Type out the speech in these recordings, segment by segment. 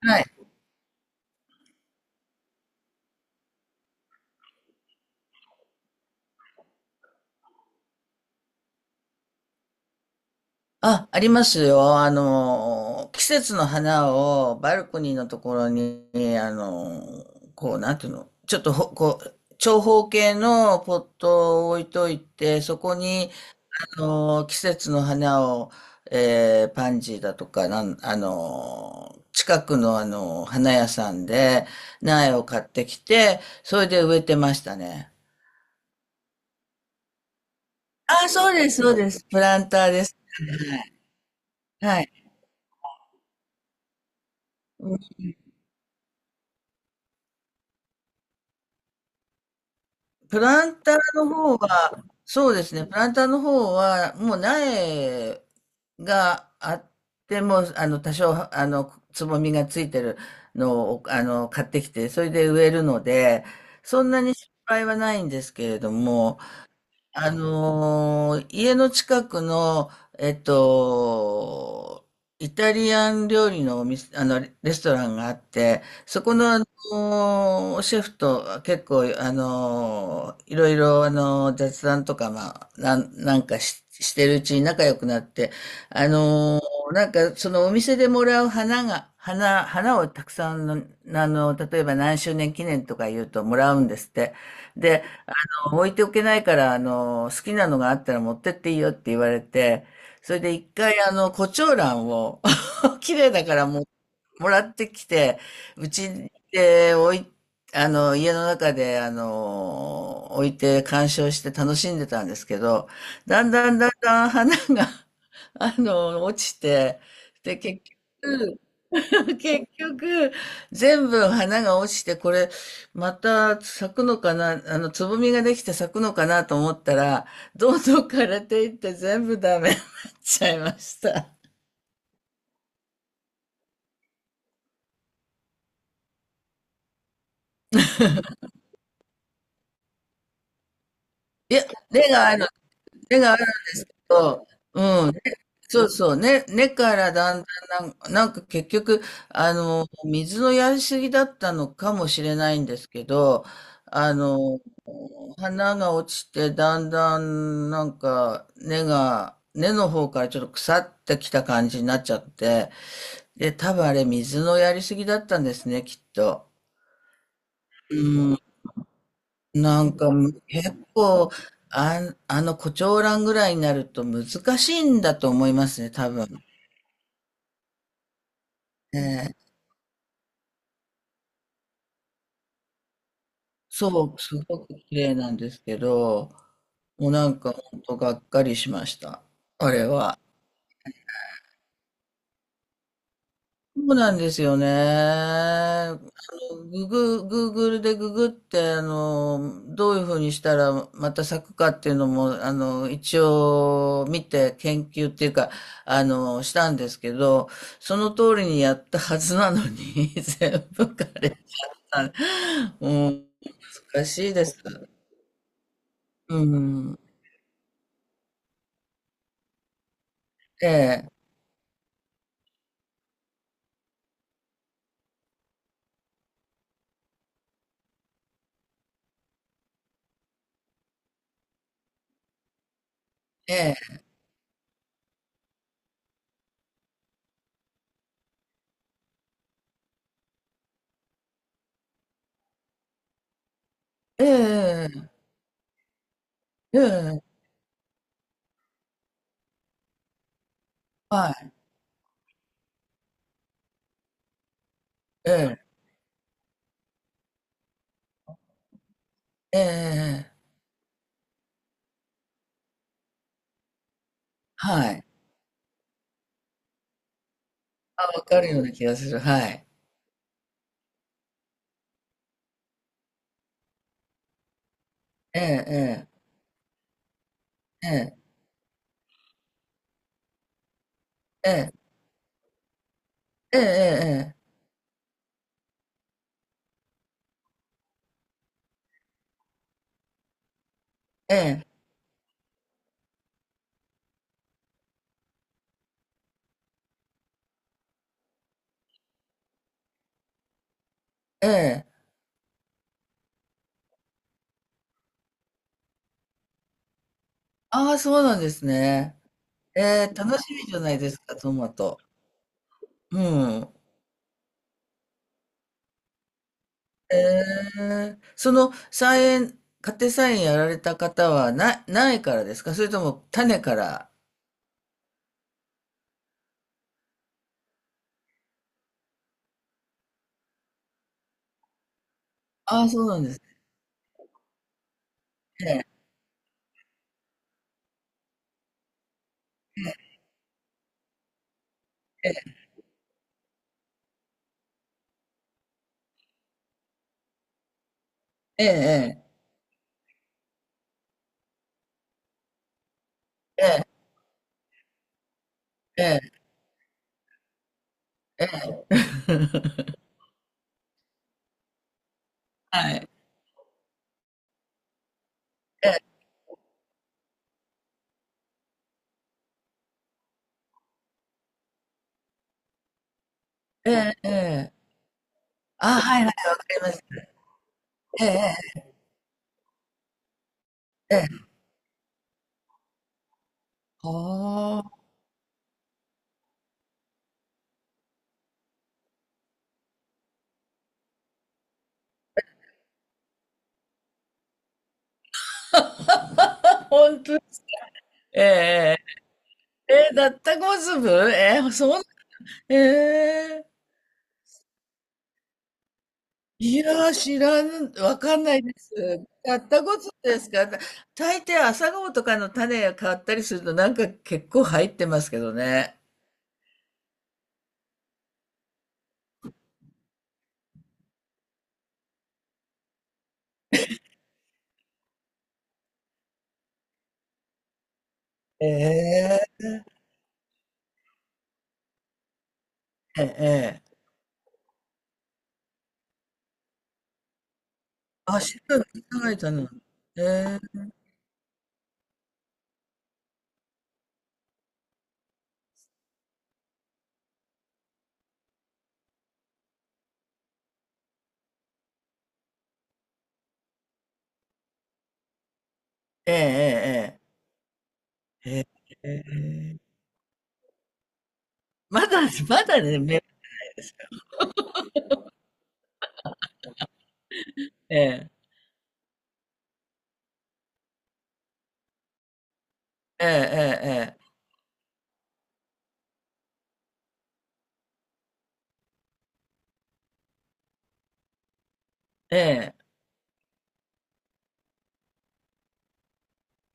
はい。あ、ありますよ。季節の花をバルコニーのところに、あの、こう、なんていうの、ちょっとこう、長方形のポットを置いといて、そこに、季節の花を、パンジーだとか、なん、あの、近くの花屋さんで苗を買ってきて、それで植えてましたね。あ、そうです、そうです。プランターです。はい。はい。プランターの方は、そうですね、プランターの方は、もう苗があっても、多少、つぼみがついてるのを、買ってきて、それで植えるので、そんなに失敗はないんですけれども、家の近くの、えっと、イタリアン料理のお店、レストランがあって、そこの、シェフと結構、いろいろ、雑談とか、まあ、してるうちに仲良くなって、あのなんか、そのお店でもらう花が、花、花をたくさんの、例えば何周年記念とか言うともらうんですって。で、置いておけないから、好きなのがあったら持ってっていいよって言われて、それで一回、コチ胡ラ蘭を、綺麗だからもう、もらってきて、うちで置い、あの、家の中で、置いて鑑賞して楽しんでたんですけど、だんだんだんだん花が、落ちて、で、結局、結局、全部花が落ちて、これ、また咲くのかな、つぼみができて咲くのかなと思ったら、どんどん枯れていって全部ダメに なっちゃいました。いや、根がある、根があるんですけど、うん、そうそう、根からだんだんなんか結局、水のやりすぎだったのかもしれないんですけど、あの、花が落ちて、だんだんなんか根の方からちょっと腐ってきた感じになっちゃって、で、多分あれ水のやりすぎだったんですね、きっと。うん。なんか結構、あの胡蝶蘭ぐらいになると難しいんだと思いますね、多分。ねえそう、すごく綺麗なんですけど、もうなんか本当がっかりしました。あれは。そうなんですよね。グーグルでググって、どういうふうにしたらまた咲くかっていうのも、一応見て研究っていうか、したんですけど、その通りにやったはずなのに、全部枯れた。もう、難しいです。うん。ええ、ええ、ええ、ええ、はい、ええ、ええ、ええはい。あ、わかるような気がする。はい。ええ、ええ。ええ、ええ、ええええええええええええああ、そうなんですね。ええ、楽しみじゃないですか、トマト。うん。ええ、その菜園、家庭菜園やられた方はないからですか、それとも種から？ああ、そうなんですね。ええ、ええ、ええ、ええ、ええ。はい。ええ、ええ、ええ。ああ、はいはい、わかります。ええ、ええ、ええ。はあ、本当。ええだったこずぶえー、そん、えー、いやー、知らん、わかんないです。だったこずぶですか？大抵朝顔とかの種が変わったりするとなんか結構入ってますけどね。ええええええあ、知らない、知らない、となええええええええええまだ、まだね、めええええええええ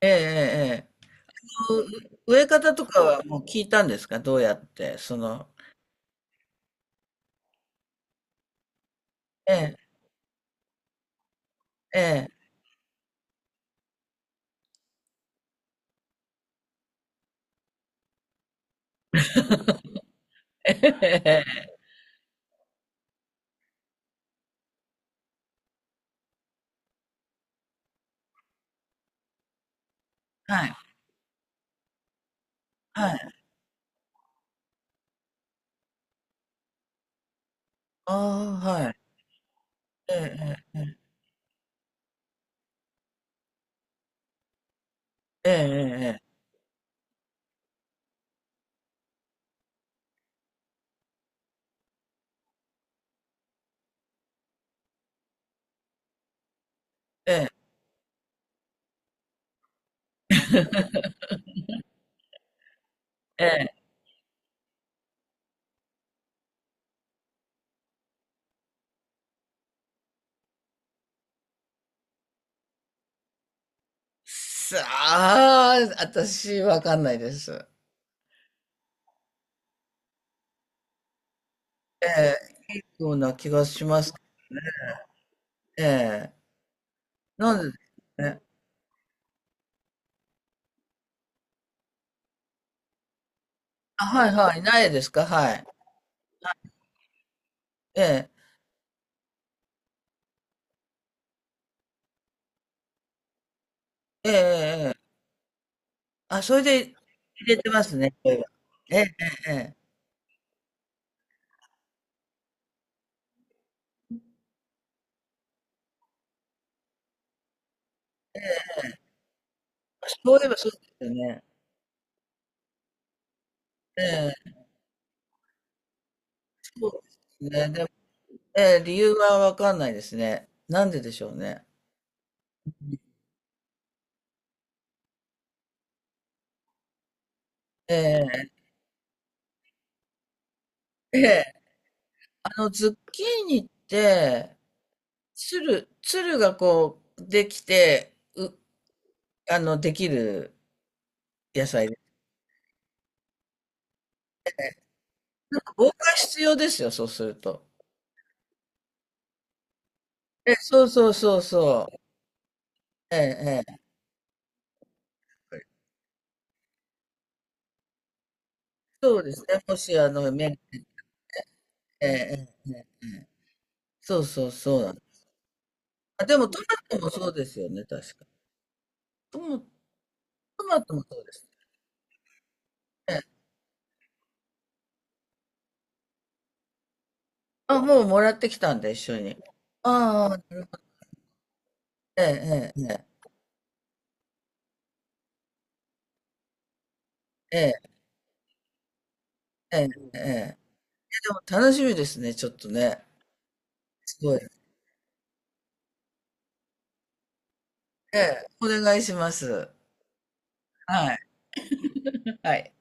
ええええ植え方とかはもう聞いたんですか？どうやって、その、ええ、ええ、ええ、ええはい、はい、ああ、はい、ええ、ええ、ええ、ええ、ええさあ、私、わかんないです。ええ、いいような気がします。ええ、なんでですね。あ、はい、はい、苗ですか？はい。ええ、ええ、ええ、ええあ、それで入れてますね、そういえば。ええ、ええ、ええそういえばそうですよね。ええ、そうですね。ええ、理由はわかんないですね。なんででしょうね。ええ、ええ、ズッキーニって、つるがこう、できて、う、あの、できる野菜です。防火必要ですよ、そうすると。ええ、そうそうそうそう。ええ、ええ、そうですね。もし、ええ、ええ、ええそうそうそうなんです。あ、でも、トマトもそうですよね、確か。トマ、トマトもそうですね。あ、もうもらってきたんで、一緒に。ああ、ええ、ええ、ええ。ええ、ええ、え。え、でも楽しみですね、ちょっとね。すごい。ええ、お願いします。はい、はい。